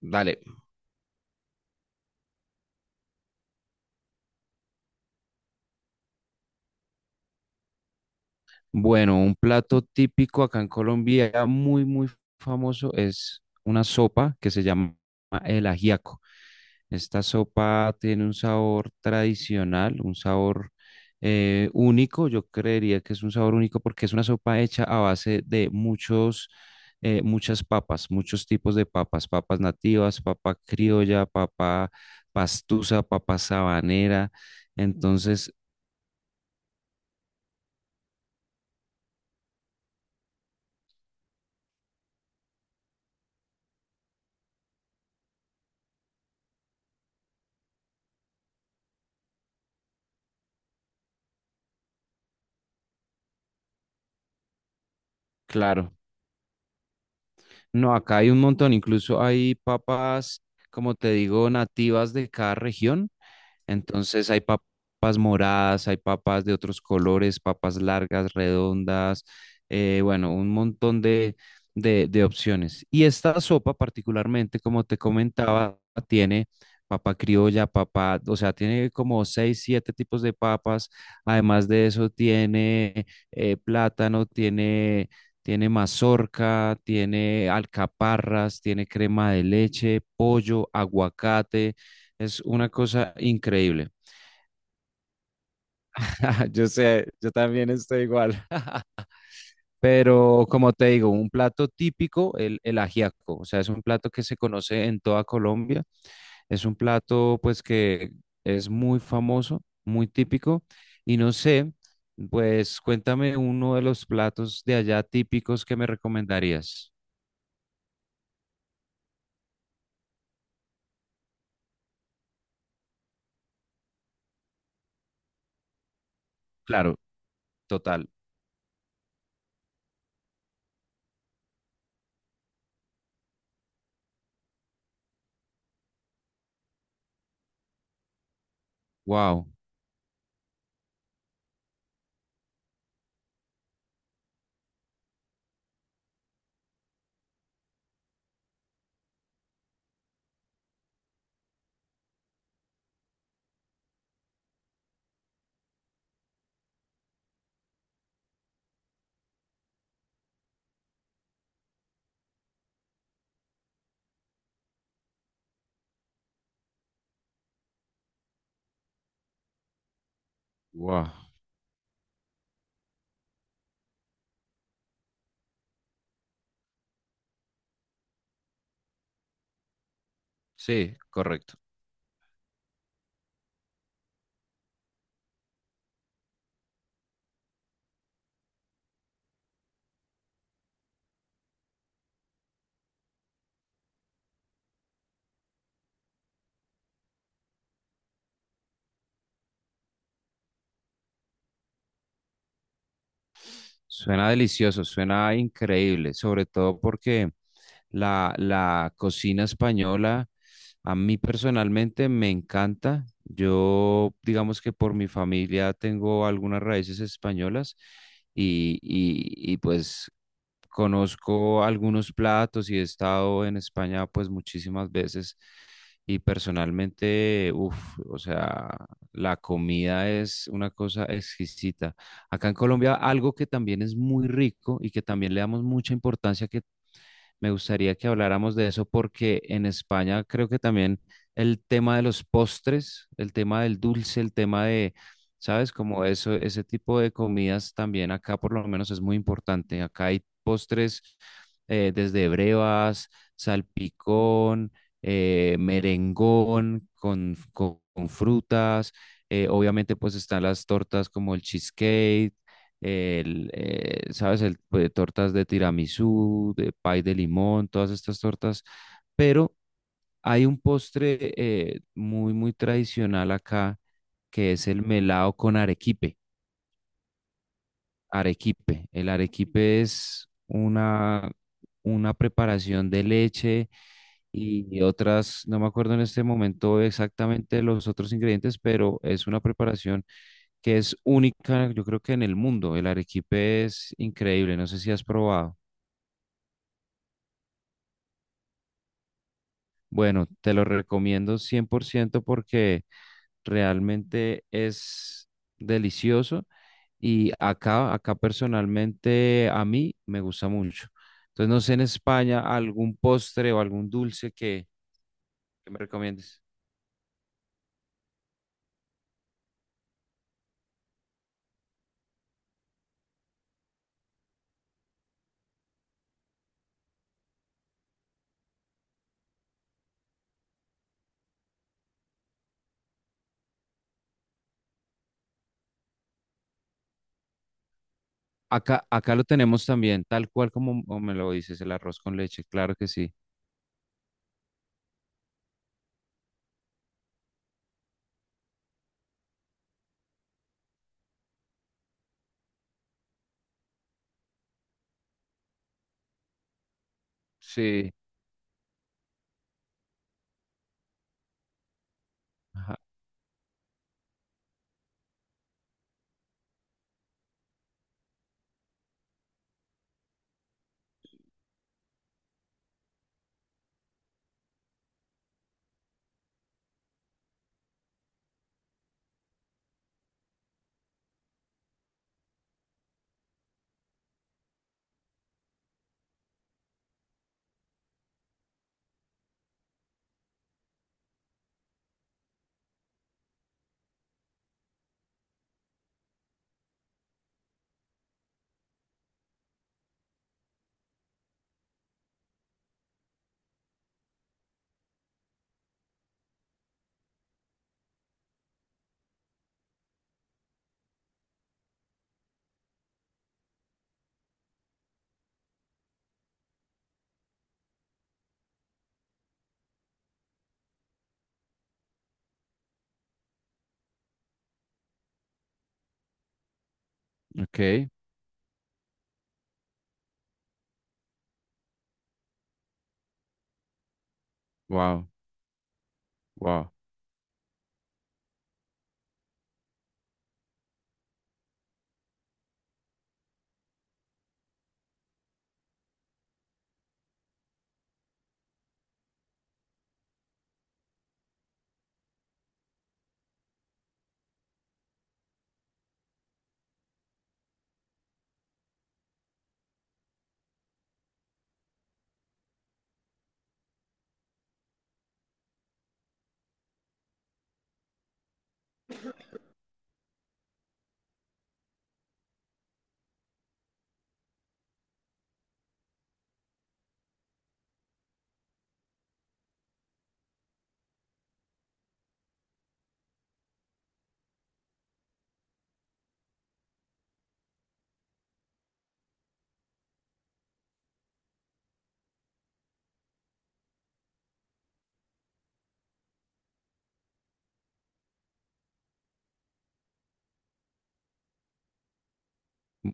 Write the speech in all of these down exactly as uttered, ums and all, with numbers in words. Dale. Bueno, un plato típico acá en Colombia, muy, muy famoso, es una sopa que se llama el ajiaco. Esta sopa tiene un sabor tradicional, un sabor eh, único. Yo creería que es un sabor único porque es una sopa hecha a base de muchos, eh, muchas papas, muchos tipos de papas, papas nativas, papa criolla, papa pastusa, papa sabanera. Entonces, claro. No, acá hay un montón, incluso hay papas, como te digo, nativas de cada región. Entonces hay papas moradas, hay papas de otros colores, papas largas, redondas, eh, bueno, un montón de, de, de opciones. Y esta sopa particularmente, como te comentaba, tiene papa criolla, papa, o sea, tiene como seis, siete tipos de papas. Además de eso, tiene eh, plátano, tiene... Tiene mazorca, tiene alcaparras, tiene crema de leche, pollo, aguacate, es una cosa increíble. Yo sé, yo también estoy igual. Pero como te digo, un plato típico, el, el ajiaco. O sea, es un plato que se conoce en toda Colombia. Es un plato pues que es muy famoso, muy típico. Y no sé, pues cuéntame uno de los platos de allá típicos que me recomendarías. Claro, total. Wow, wow. Sí, correcto. Suena delicioso, suena increíble, sobre todo porque La, la cocina española a mí personalmente me encanta. Yo, digamos que por mi familia tengo algunas raíces españolas y, y, y pues conozco algunos platos y he estado en España pues muchísimas veces y personalmente, uff, o sea, la comida es una cosa exquisita. Acá en Colombia algo que también es muy rico y que también le damos mucha importancia, que me gustaría que habláramos de eso porque en España creo que también el tema de los postres, el tema del dulce, el tema de, ¿sabes? Como eso, ese tipo de comidas también acá por lo menos es muy importante. Acá hay postres eh, desde brevas, salpicón, eh, merengón con, con- con frutas. Eh, obviamente pues están las tortas como el cheesecake, el, eh, ¿sabes? El, pues, tortas de tiramisú, de pay de limón, todas estas tortas. Pero hay un postre eh, muy, muy tradicional acá, que es el melado con arequipe. Arequipe. El arequipe es una, una preparación de leche y otras, no me acuerdo en este momento exactamente los otros ingredientes, pero es una preparación que es única, yo creo que en el mundo. El arequipe es increíble, no sé si has probado. Bueno, te lo recomiendo cien por ciento porque realmente es delicioso y acá, acá personalmente a mí me gusta mucho. Entonces, no sé, en España algún postre o algún dulce que, que me recomiendes. Acá, acá lo tenemos también, tal cual como como me lo dices, el arroz con leche, claro que sí. Sí. Ajá, ok, wow, wow.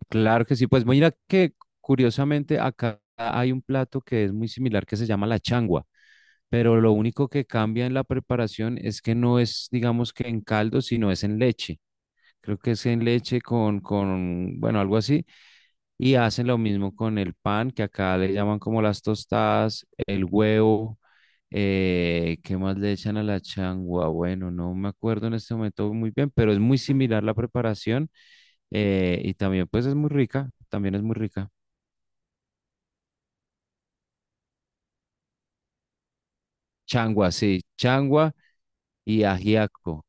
Claro que sí, pues mira que curiosamente acá hay un plato que es muy similar que se llama la changua, pero lo único que cambia en la preparación es que no es, digamos, que en caldo, sino es en leche. Creo que es en leche con, con, bueno, algo así. Y hacen lo mismo con el pan, que acá le llaman como las tostadas, el huevo, eh, ¿qué más le echan a la changua? Bueno, no me acuerdo en este momento muy bien, pero es muy similar la preparación, eh, y también pues es muy rica, también es muy rica. Changua, sí, changua y ajiaco.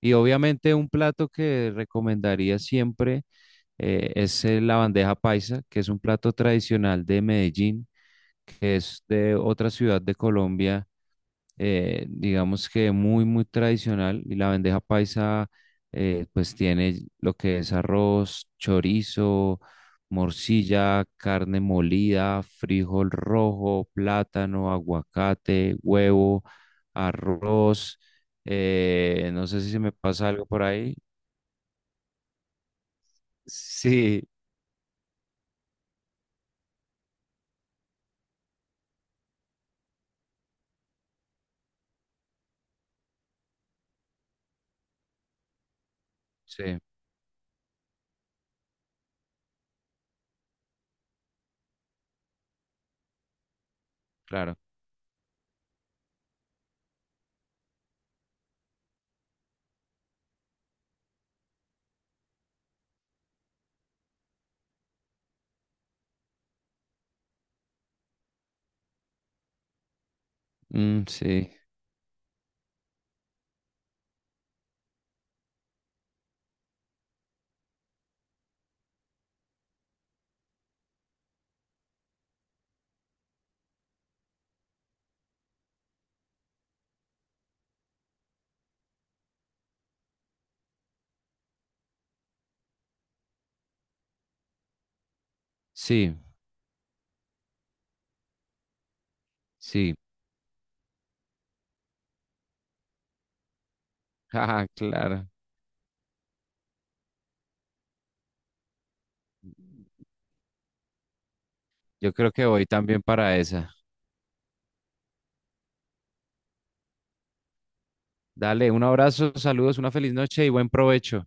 Y obviamente un plato que recomendaría siempre eh, es eh, la bandeja paisa, que es un plato tradicional de Medellín, que es de otra ciudad de Colombia, eh, digamos que muy, muy tradicional, y la bandeja paisa, eh, pues, tiene lo que es arroz, chorizo, morcilla, carne molida, frijol rojo, plátano, aguacate, huevo, arroz, eh, no sé si se me pasa algo por ahí. Sí, sí, claro. Mm, sí, sí, sí. Ah, claro. Yo creo que voy también para esa. Dale, un abrazo, saludos, una feliz noche y buen provecho.